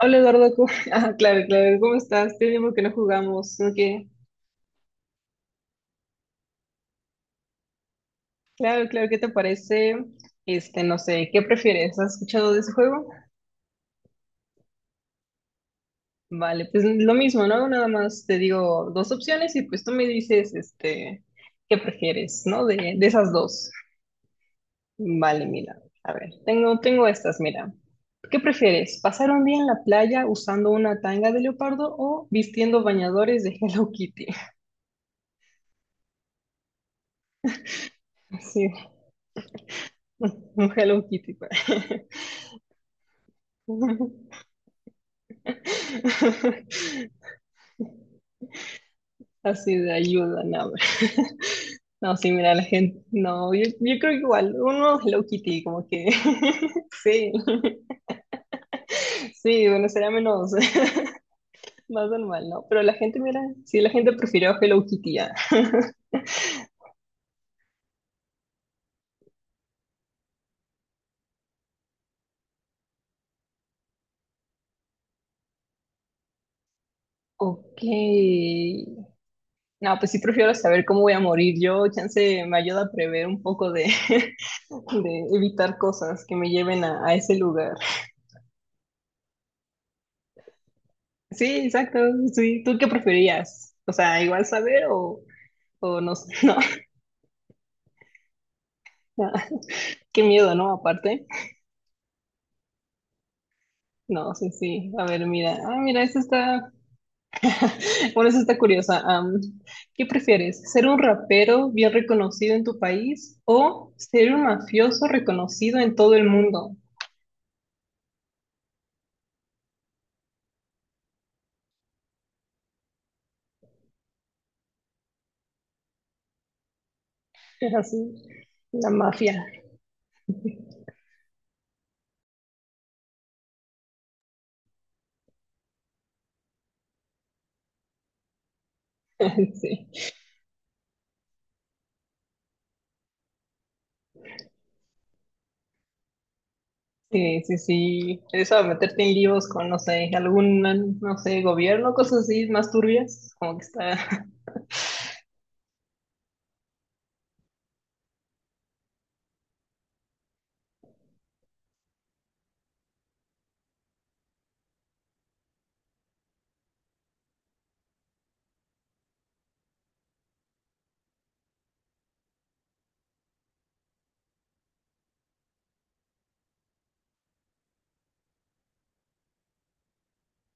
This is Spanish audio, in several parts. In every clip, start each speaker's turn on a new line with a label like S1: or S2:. S1: Hola Eduardo, Ah, claro, claro, ¿cómo estás? Tiene tiempo que no jugamos, ¿no? ¿Qué? Claro, claro, ¿qué te parece? Este, no sé, ¿qué prefieres? ¿Has escuchado de ese juego? Vale, pues lo mismo, ¿no? Nada más te digo dos opciones y pues tú me dices, este, ¿qué prefieres?, ¿no? De esas dos. Vale, mira, a ver, tengo estas, mira. ¿Qué prefieres? ¿Pasar un día en la playa usando una tanga de leopardo o vistiendo bañadores de Hello Kitty? Sí, un Hello Kitty, pues. Así de ayuda, no. No, sí, mira, la gente, no, yo creo que igual, uno es Hello Kitty, como que, sí, sí, bueno, sería menos, más normal, ¿no? Pero la gente, mira, sí, la gente prefirió Hello Kitty, ya. Ok, no, pues sí prefiero saber cómo voy a morir, yo, chance, me ayuda a prever un poco de, de evitar cosas que me lleven a, ese lugar. Sí, exacto, sí, ¿tú qué preferías? O sea, igual saber o. O no sé, no. Qué miedo, ¿no? Aparte. No, sí, sí. A ver, mira. Ah, mira, esta está. Bueno, esta está curiosa. ¿Qué prefieres? ¿Ser un rapero bien reconocido en tu país o ser un mafioso reconocido en todo el mundo? Es así. La mafia. Sí. Sí, sí, sí. Eso de meterte en líos con, no sé, algún, no sé, gobierno, cosas así más turbias, como que está.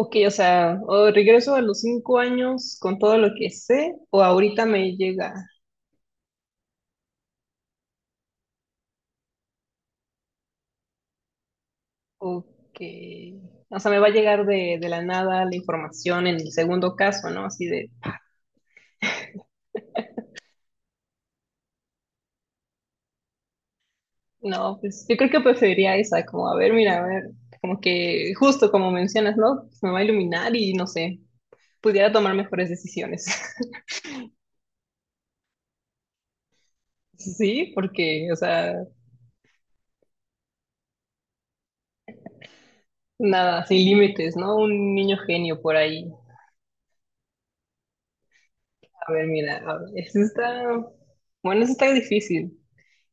S1: Ok, o sea, o regreso a los 5 años con todo lo que sé, o ahorita me llega, ok, o sea, me va a llegar de la nada la información en el segundo caso, ¿no? Así de, no, pues yo creo que preferiría esa, como, a ver, mira, a ver, como que justo como mencionas, ¿no? Pues me va a iluminar y no sé, pudiera tomar mejores decisiones. Sí, porque, o sea, nada, sin límites, ¿no? Un niño genio por ahí. A ver, mira, a ver, eso está, bueno, eso está difícil.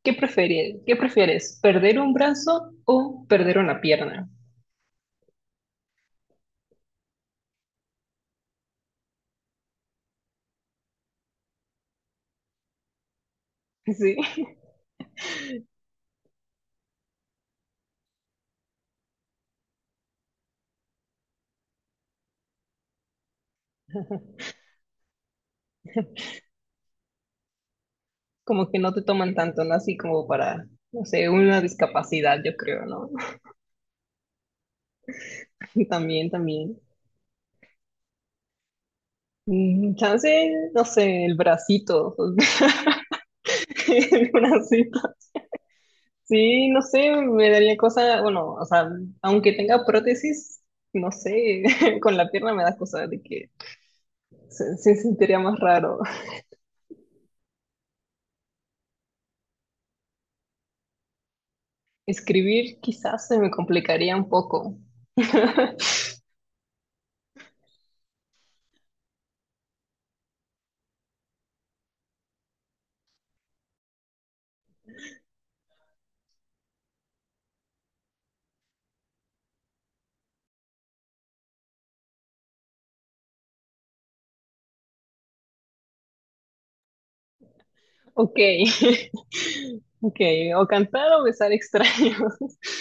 S1: ¿Qué prefieres? ¿Qué prefieres? ¿Perder un brazo o perder una pierna? Sí, como que no te toman tanto, ¿no? Así como para, no sé, una discapacidad, yo creo, ¿no? También, también. Mm, Chance, no sé, el bracito, el bracito. Sí, no sé, me daría cosa, bueno, o sea, aunque tenga prótesis, no sé, con la pierna me da cosa de que se sentiría más raro. Escribir quizás se me complicaría un poco. Ok, ok, o cantar o besar extraños.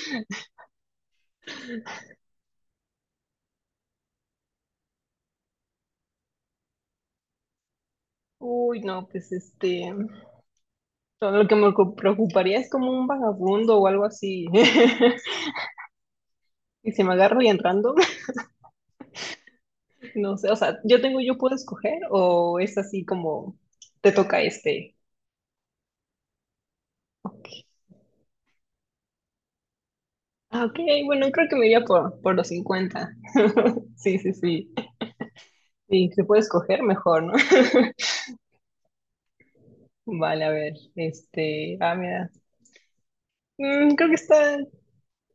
S1: Uy, no, pues este, todo lo que me preocuparía es como un vagabundo o algo así. Y si me agarro y entrando, no sé, o sea, yo puedo escoger o es así como te toca este. Ah, ok, bueno, creo que me iría por los 50. Sí, sí, sí. Sí, se puede escoger mejor, ¿no? Vale, a ver, este, ah, mira. Creo que está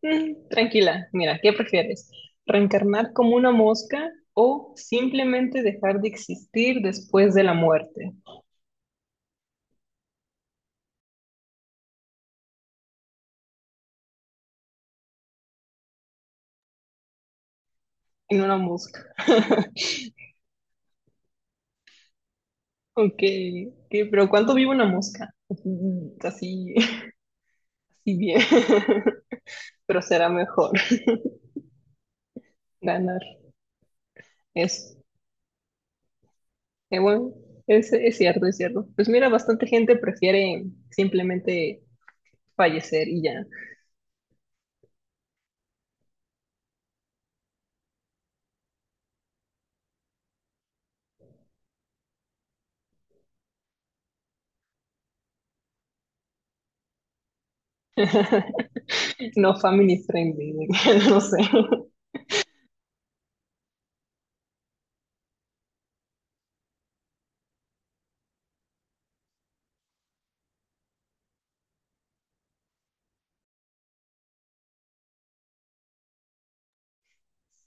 S1: tranquila. Mira, ¿qué prefieres? ¿Reencarnar como una mosca o simplemente dejar de existir después de la muerte? En una mosca. Ok, ok, pero ¿cuánto vive una mosca? Así, así bien, pero será mejor ganar. Es, bueno, es cierto, es cierto. Pues mira, bastante gente prefiere simplemente fallecer y ya. No family friendly, no sé.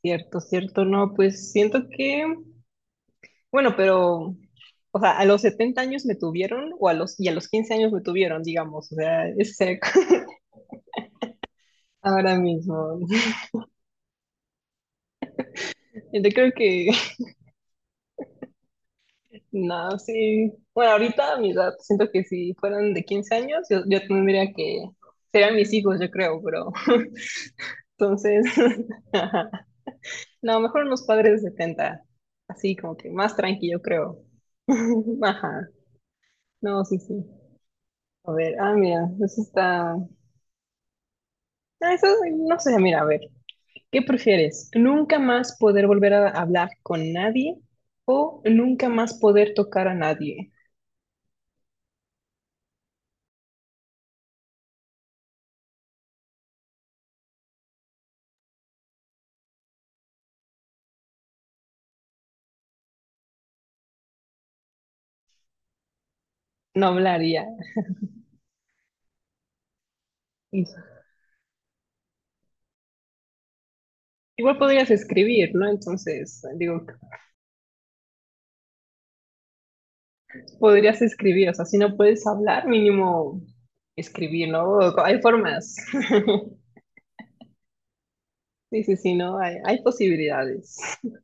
S1: Cierto, cierto, no, pues siento que, bueno, pero, o sea, a los 70 años me tuvieron, o y a los 15 años me tuvieron, digamos, o sea, es cerca. Ahora mismo. Yo creo que, no, sí, bueno, ahorita a mi edad, siento que si fueran de 15 años, yo tendría que, serían mis hijos, yo creo, pero, entonces. No, mejor unos padres de 70. Así como que más tranquilo, creo. Ajá. No, sí, sí. A ver, ah, mira, eso está. Ah, eso, no sé, mira, a ver. ¿Qué prefieres? ¿Nunca más poder volver a hablar con nadie o nunca más poder tocar a nadie? No hablaría. Igual podrías escribir, ¿no? Entonces, digo, podrías escribir, o sea, si no puedes hablar, mínimo escribir, ¿no? Hay formas. Sí, sí, sí, no, hay posibilidades.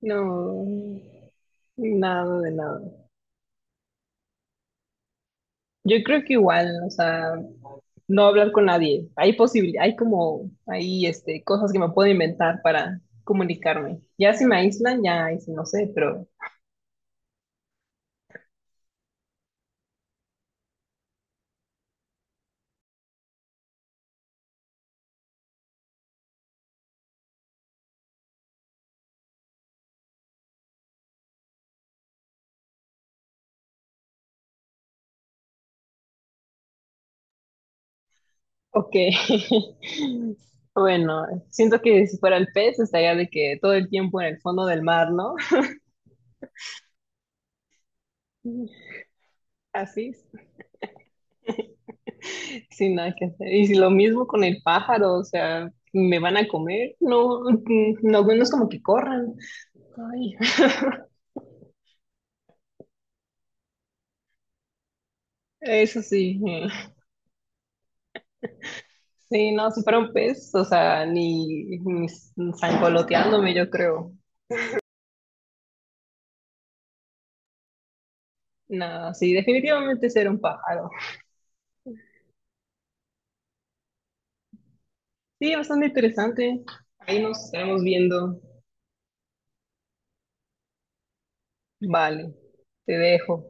S1: No, nada de nada. Yo creo que igual, o sea, no hablar con nadie. Hay como, hay este, cosas que me puedo inventar para comunicarme. Ya si me aíslan, ya ahí sí no sé, pero ok. Bueno, siento que si fuera el pez estaría de que todo el tiempo en el fondo del mar, ¿no? Así, sin nada que hacer. Y si lo mismo con el pájaro, o sea, me van a comer, no, no, no es como que corran. Ay, eso sí, mm. Sí, no, si fuera un pez, o sea, ni zangoloteándome, yo creo. No, sí, definitivamente ser un pájaro. Sí, bastante interesante. Ahí nos estaremos viendo. Vale, te dejo.